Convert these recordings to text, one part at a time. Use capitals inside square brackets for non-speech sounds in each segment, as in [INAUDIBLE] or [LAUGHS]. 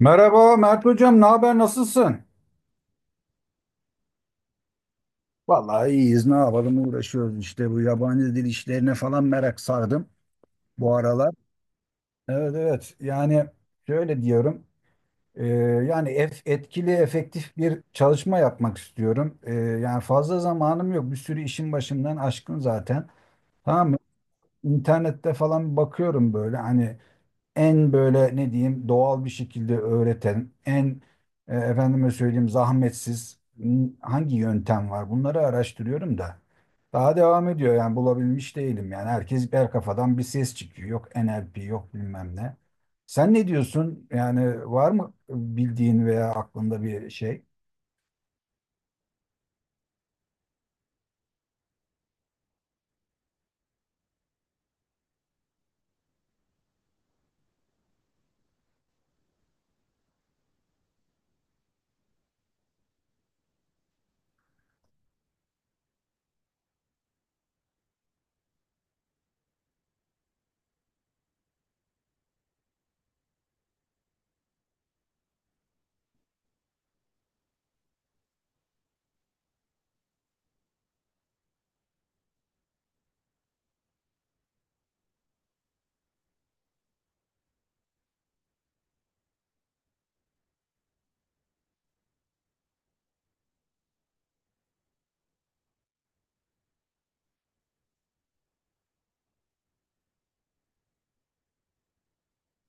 Merhaba Mert Hocam, ne haber, nasılsın? Vallahi iyiyiz, ne yapalım, uğraşıyoruz işte, bu yabancı dil işlerine falan merak sardım bu aralar. Evet, evet, yani şöyle diyorum. Ee, Yani etkili efektif bir çalışma yapmak istiyorum. Yani fazla zamanım yok, bir sürü işin başımdan aşkın zaten. Tamam mı? İnternette falan bakıyorum, böyle hani en böyle ne diyeyim doğal bir şekilde öğreten, en efendime söyleyeyim zahmetsiz hangi yöntem var? Bunları araştırıyorum da. Daha devam ediyor, yani bulabilmiş değilim, yani herkes her kafadan bir ses çıkıyor. Yok NLP, yok bilmem ne. Sen ne diyorsun? Yani var mı bildiğin veya aklında bir şey?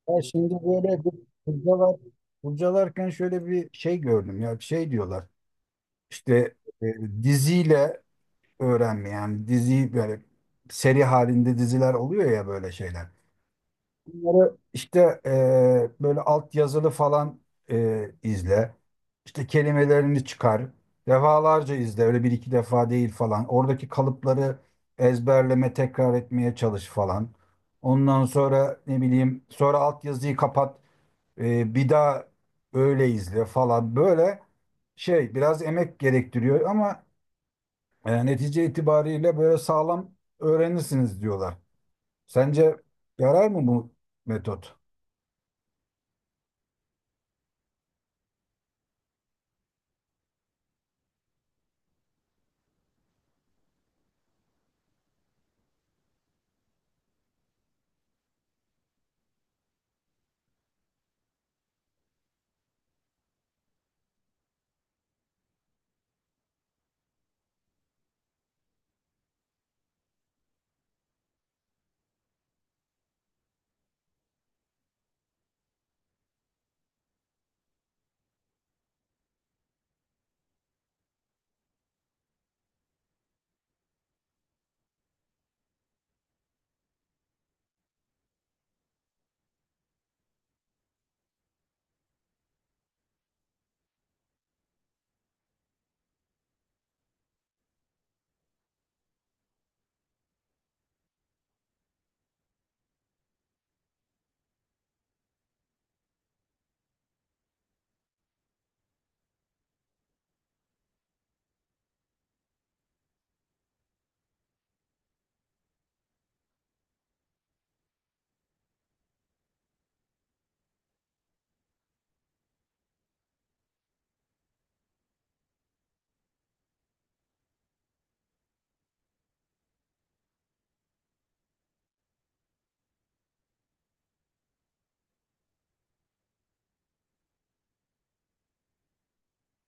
Ya şimdi böyle bu kurcalarken şöyle bir şey gördüm, ya şey diyorlar. İşte e, diziyle öğrenme. Yani diziyi böyle, seri halinde diziler oluyor ya böyle şeyler. Bunları işte, böyle alt yazılı falan, izle. İşte kelimelerini çıkar. Defalarca izle. Öyle bir iki defa değil falan. Oradaki kalıpları ezberleme, tekrar etmeye çalış falan. Ondan sonra ne bileyim, sonra alt yazıyı kapat. Bir daha öyle izle falan. Böyle şey biraz emek gerektiriyor ama netice itibariyle böyle sağlam öğrenirsiniz diyorlar. Sence yarar mı bu metot?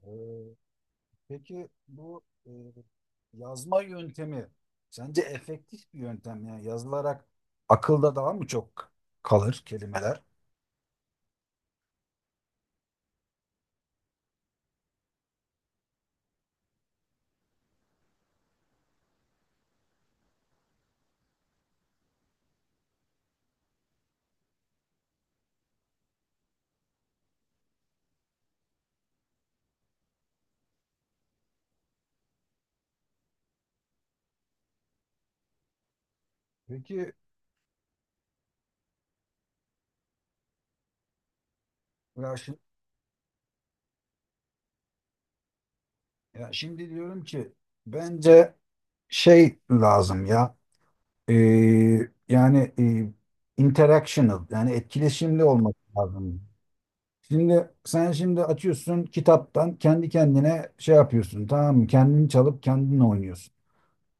Ee, peki bu yazma yöntemi sence efektif bir yöntem mi? Yani yazılarak akılda daha mı çok kalır kelimeler? Peki, ya şimdi, ya şimdi diyorum ki bence şey lazım ya, e, yani interactional, yani etkileşimli olması lazım. Şimdi sen şimdi açıyorsun kitaptan, kendi kendine şey yapıyorsun, tamam mı? Kendini çalıp kendin oynuyorsun.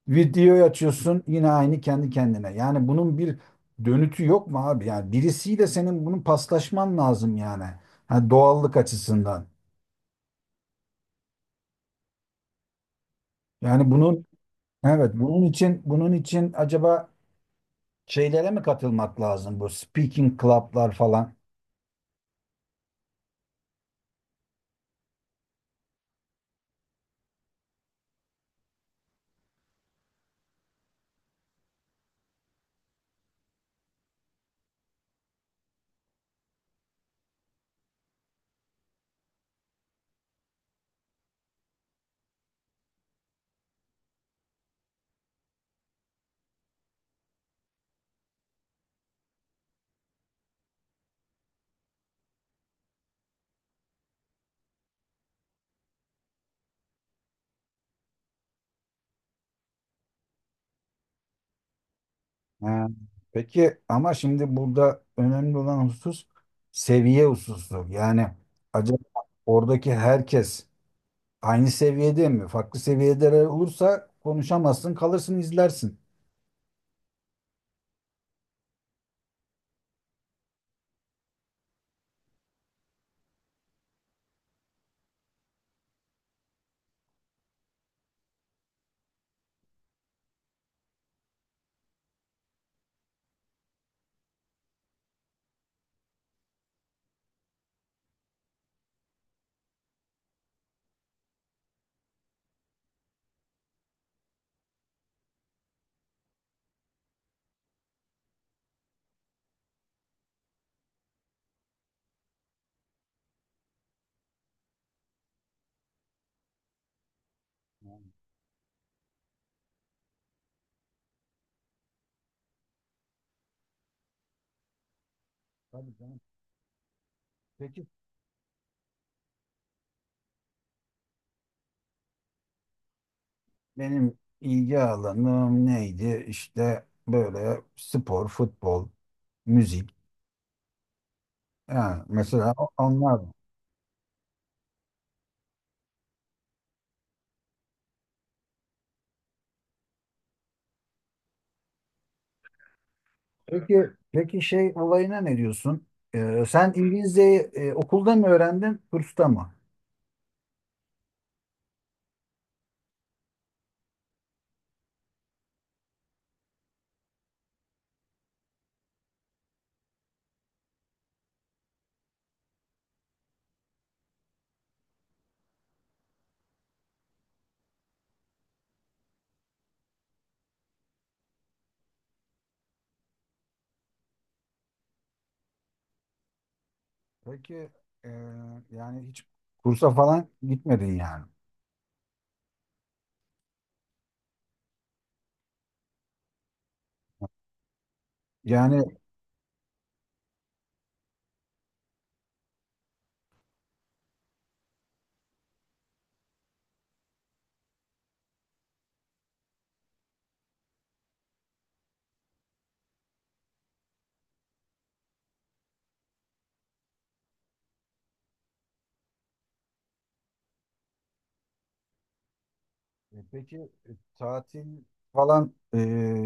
Videoyu açıyorsun, yine aynı kendi kendine. Yani bunun bir dönütü yok mu abi? Yani birisiyle senin bunun paslaşman lazım yani. Ha, doğallık açısından. Yani bunun, evet, bunun için, acaba şeylere mi katılmak lazım? Bu speaking club'lar falan. Ha, peki ama şimdi burada önemli olan husus seviye hususu. Yani acaba oradaki herkes aynı seviyede mi? Farklı seviyelere olursa konuşamazsın, kalırsın, izlersin. Yani, tabii canım. Peki, benim ilgi alanım neydi? İşte böyle spor, futbol, müzik. Yani mesela onlar. Peki, peki şey olayına ne diyorsun? Sen İngilizceyi okulda mı öğrendin, kursta mı? Peki, e, yani hiç kursa falan gitmedin yani. Yani, peki, e, tatil falan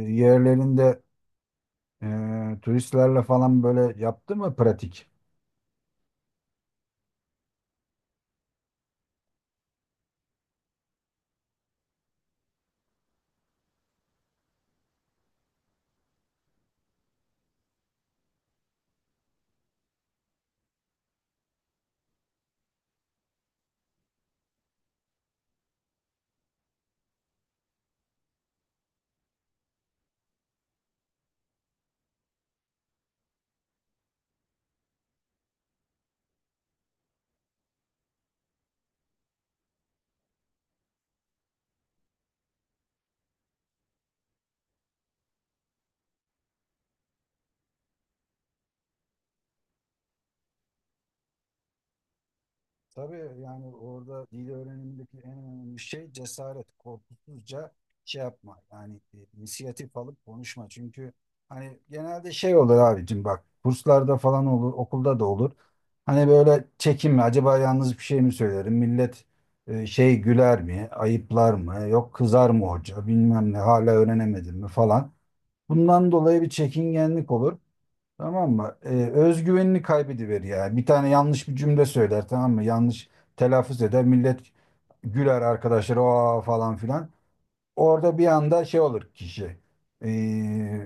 yerlerinde turistlerle falan böyle yaptın mı pratik? Tabii, yani orada dil öğrenimindeki en önemli şey cesaret, korkusuzca şey yapma. Yani, inisiyatif alıp konuşma. Çünkü hani genelde şey olur abicim, bak kurslarda falan olur, okulda da olur. Hani böyle çekinme. Acaba yalnız bir şey mi söylerim? Millet şey güler mi? Ayıplar mı? Yok, kızar mı hoca? Bilmem ne. Hala öğrenemedim mi falan. Bundan dolayı bir çekingenlik olur. Tamam mı? Özgüvenini kaybediver yani. Bir tane yanlış bir cümle söyler, tamam mı? Yanlış telaffuz eder. Millet güler arkadaşlar, o falan filan. Orada bir anda şey olur kişi. Ee,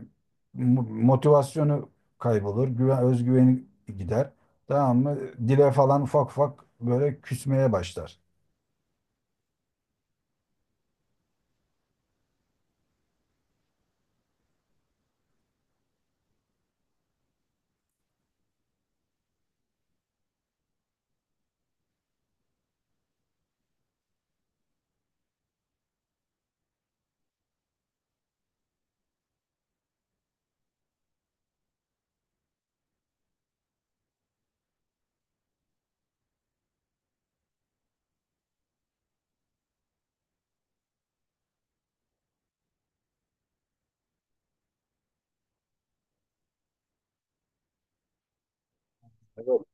mo- motivasyonu kaybolur. Güven, özgüveni gider. Tamam mı? Dile falan ufak ufak böyle küsmeye başlar. Evet.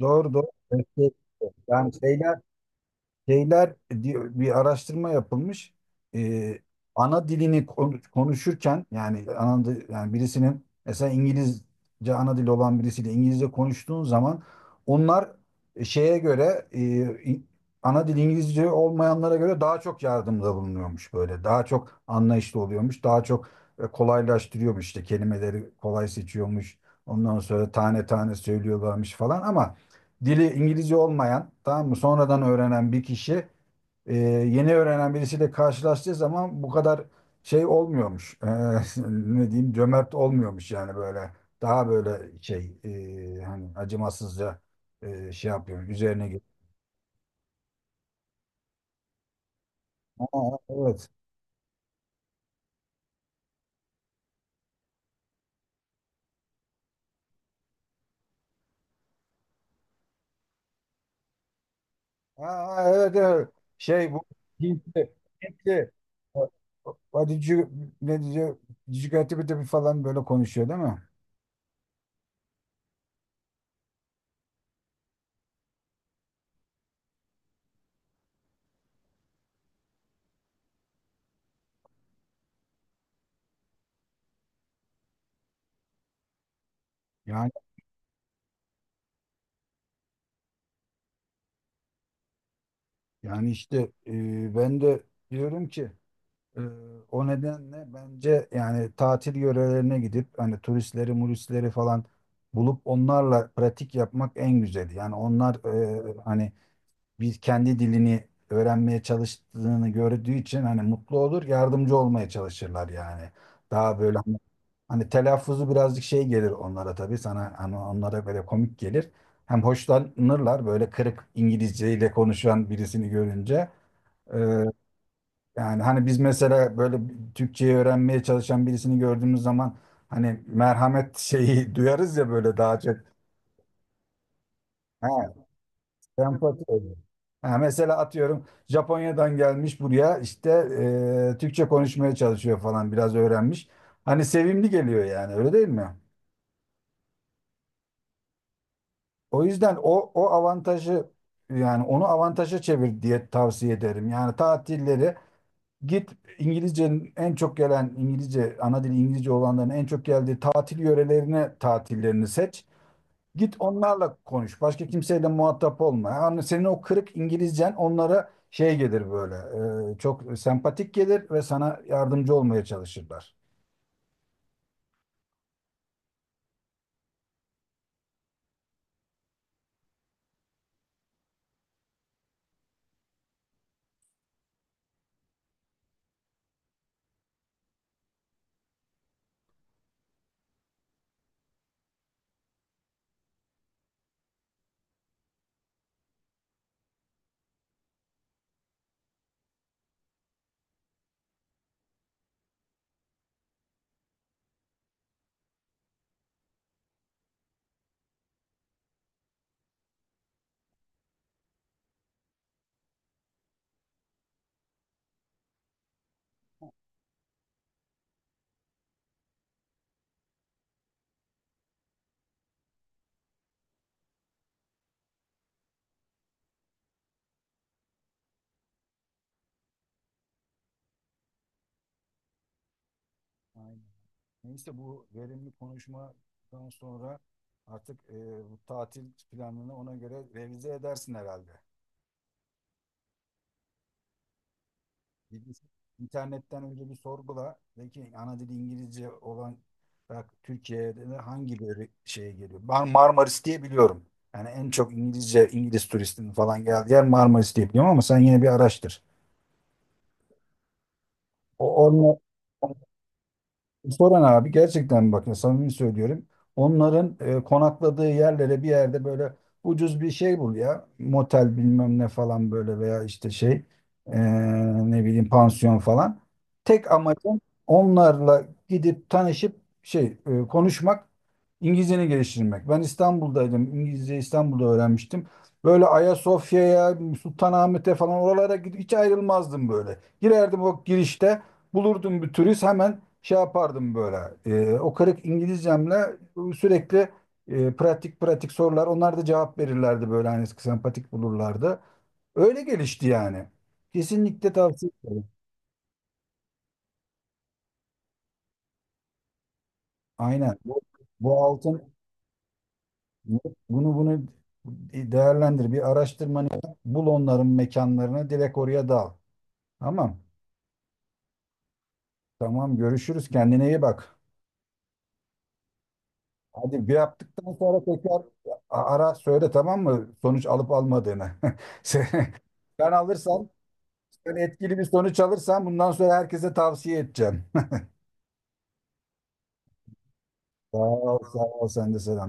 Doğru, doğru. Evet, evet. Yani şeyler diyor, bir araştırma yapılmış. Ee, Ana dilini konuşurken, yani yani birisinin, mesela İngilizce ana dili olan birisiyle İngilizce konuştuğun zaman, onlar şeye göre, İ- ana dili İngilizce olmayanlara göre daha çok yardımda bulunuyormuş böyle. Daha çok anlayışlı oluyormuş. Daha çok kolaylaştırıyormuş, işte kelimeleri kolay seçiyormuş. Ondan sonra tane tane söylüyorlarmış falan, ama dili İngilizce olmayan, tamam mı, sonradan öğrenen bir kişi yeni öğrenen birisiyle karşılaştığı zaman bu kadar şey olmuyormuş. [LAUGHS] Ne diyeyim, cömert olmuyormuş yani böyle. Daha böyle şey, hani acımasızca şey yapıyor, üzerine gidiyor. Aa, evet. Aa, evet, evet. Şey, bu Hintli, Hintli. What did you, ne diyor? Did you get it?" falan böyle konuşuyor değil mi? Yani yani, işte, ben de diyorum ki, Ee, o nedenle bence yani tatil yörelerine gidip hani turistleri, muristleri falan bulup onlarla pratik yapmak en güzeli. Yani onlar, hani biz kendi dilini öğrenmeye çalıştığını gördüğü için hani mutlu olur, yardımcı olmaya çalışırlar yani. Daha böyle hani telaffuzu birazcık şey gelir onlara, tabii sana, hani onlara böyle komik gelir. Hem hoşlanırlar böyle kırık İngilizceyle konuşan birisini görünce. Yani hani biz mesela böyle Türkçeyi öğrenmeye çalışan birisini gördüğümüz zaman hani merhamet şeyi [LAUGHS] duyarız ya böyle, daha çok. Ha, sempati oluyor. Ha, mesela atıyorum Japonya'dan gelmiş buraya, işte Türkçe konuşmaya çalışıyor falan, biraz öğrenmiş. Hani sevimli geliyor yani, öyle değil mi? O yüzden o avantajı, yani onu avantaja çevir diye tavsiye ederim. Yani tatilleri, git İngilizcenin en çok gelen İngilizce, ana dili İngilizce olanların en çok geldiği tatil yörelerine, tatillerini seç. Git, onlarla konuş. Başka kimseyle muhatap olma. Yani senin o kırık İngilizcen onlara şey gelir böyle, çok sempatik gelir ve sana yardımcı olmaya çalışırlar. Aynen. Neyse, bu verimli konuşmadan sonra artık, bu tatil planını ona göre revize edersin herhalde. Gidip İnternetten önce bir sorgula. De ki ana dili İngilizce olan, bak Türkiye'de de hangi böyle şeye geliyor? Ben Marmaris diye biliyorum. Yani en çok İngilizce, İngiliz turistinin falan geldiği yer Marmaris diye biliyorum, ama sen yine bir araştır. O, onunla, Soran abi, gerçekten bak ya, samimi söylüyorum. Onların konakladığı yerlere, bir yerde böyle ucuz bir şey bul ya. Motel bilmem ne falan böyle, veya işte şey, e, ne bileyim pansiyon falan. Tek amacım onlarla gidip tanışıp şey, konuşmak, İngilizceni geliştirmek. Ben İstanbul'daydım. İngilizce İstanbul'da öğrenmiştim. Böyle Ayasofya'ya, Sultanahmet'e falan, oralara gidip hiç ayrılmazdım böyle. Girerdim o girişte, bulurdum bir turist, hemen şey yapardım böyle. O kırık İngilizcemle sürekli, pratik pratik sorular. Onlar da cevap verirlerdi böyle, hani sempatik bulurlardı. Öyle gelişti yani. Kesinlikle tavsiye ederim. Aynen. Bu altın, bunu değerlendir. Bir araştırmanı yap, bul onların mekanlarını, direkt oraya dal. Tamam. Tamam, görüşürüz. Kendine iyi bak. Hadi, bir yaptıktan sonra tekrar ara söyle, tamam mı? Sonuç alıp almadığını. [LAUGHS] Se- Sen alırsan, Sen etkili bir sonuç alırsan bundan sonra herkese tavsiye edeceğim. [LAUGHS] Sağ ol, sağ ol. Sen de selam.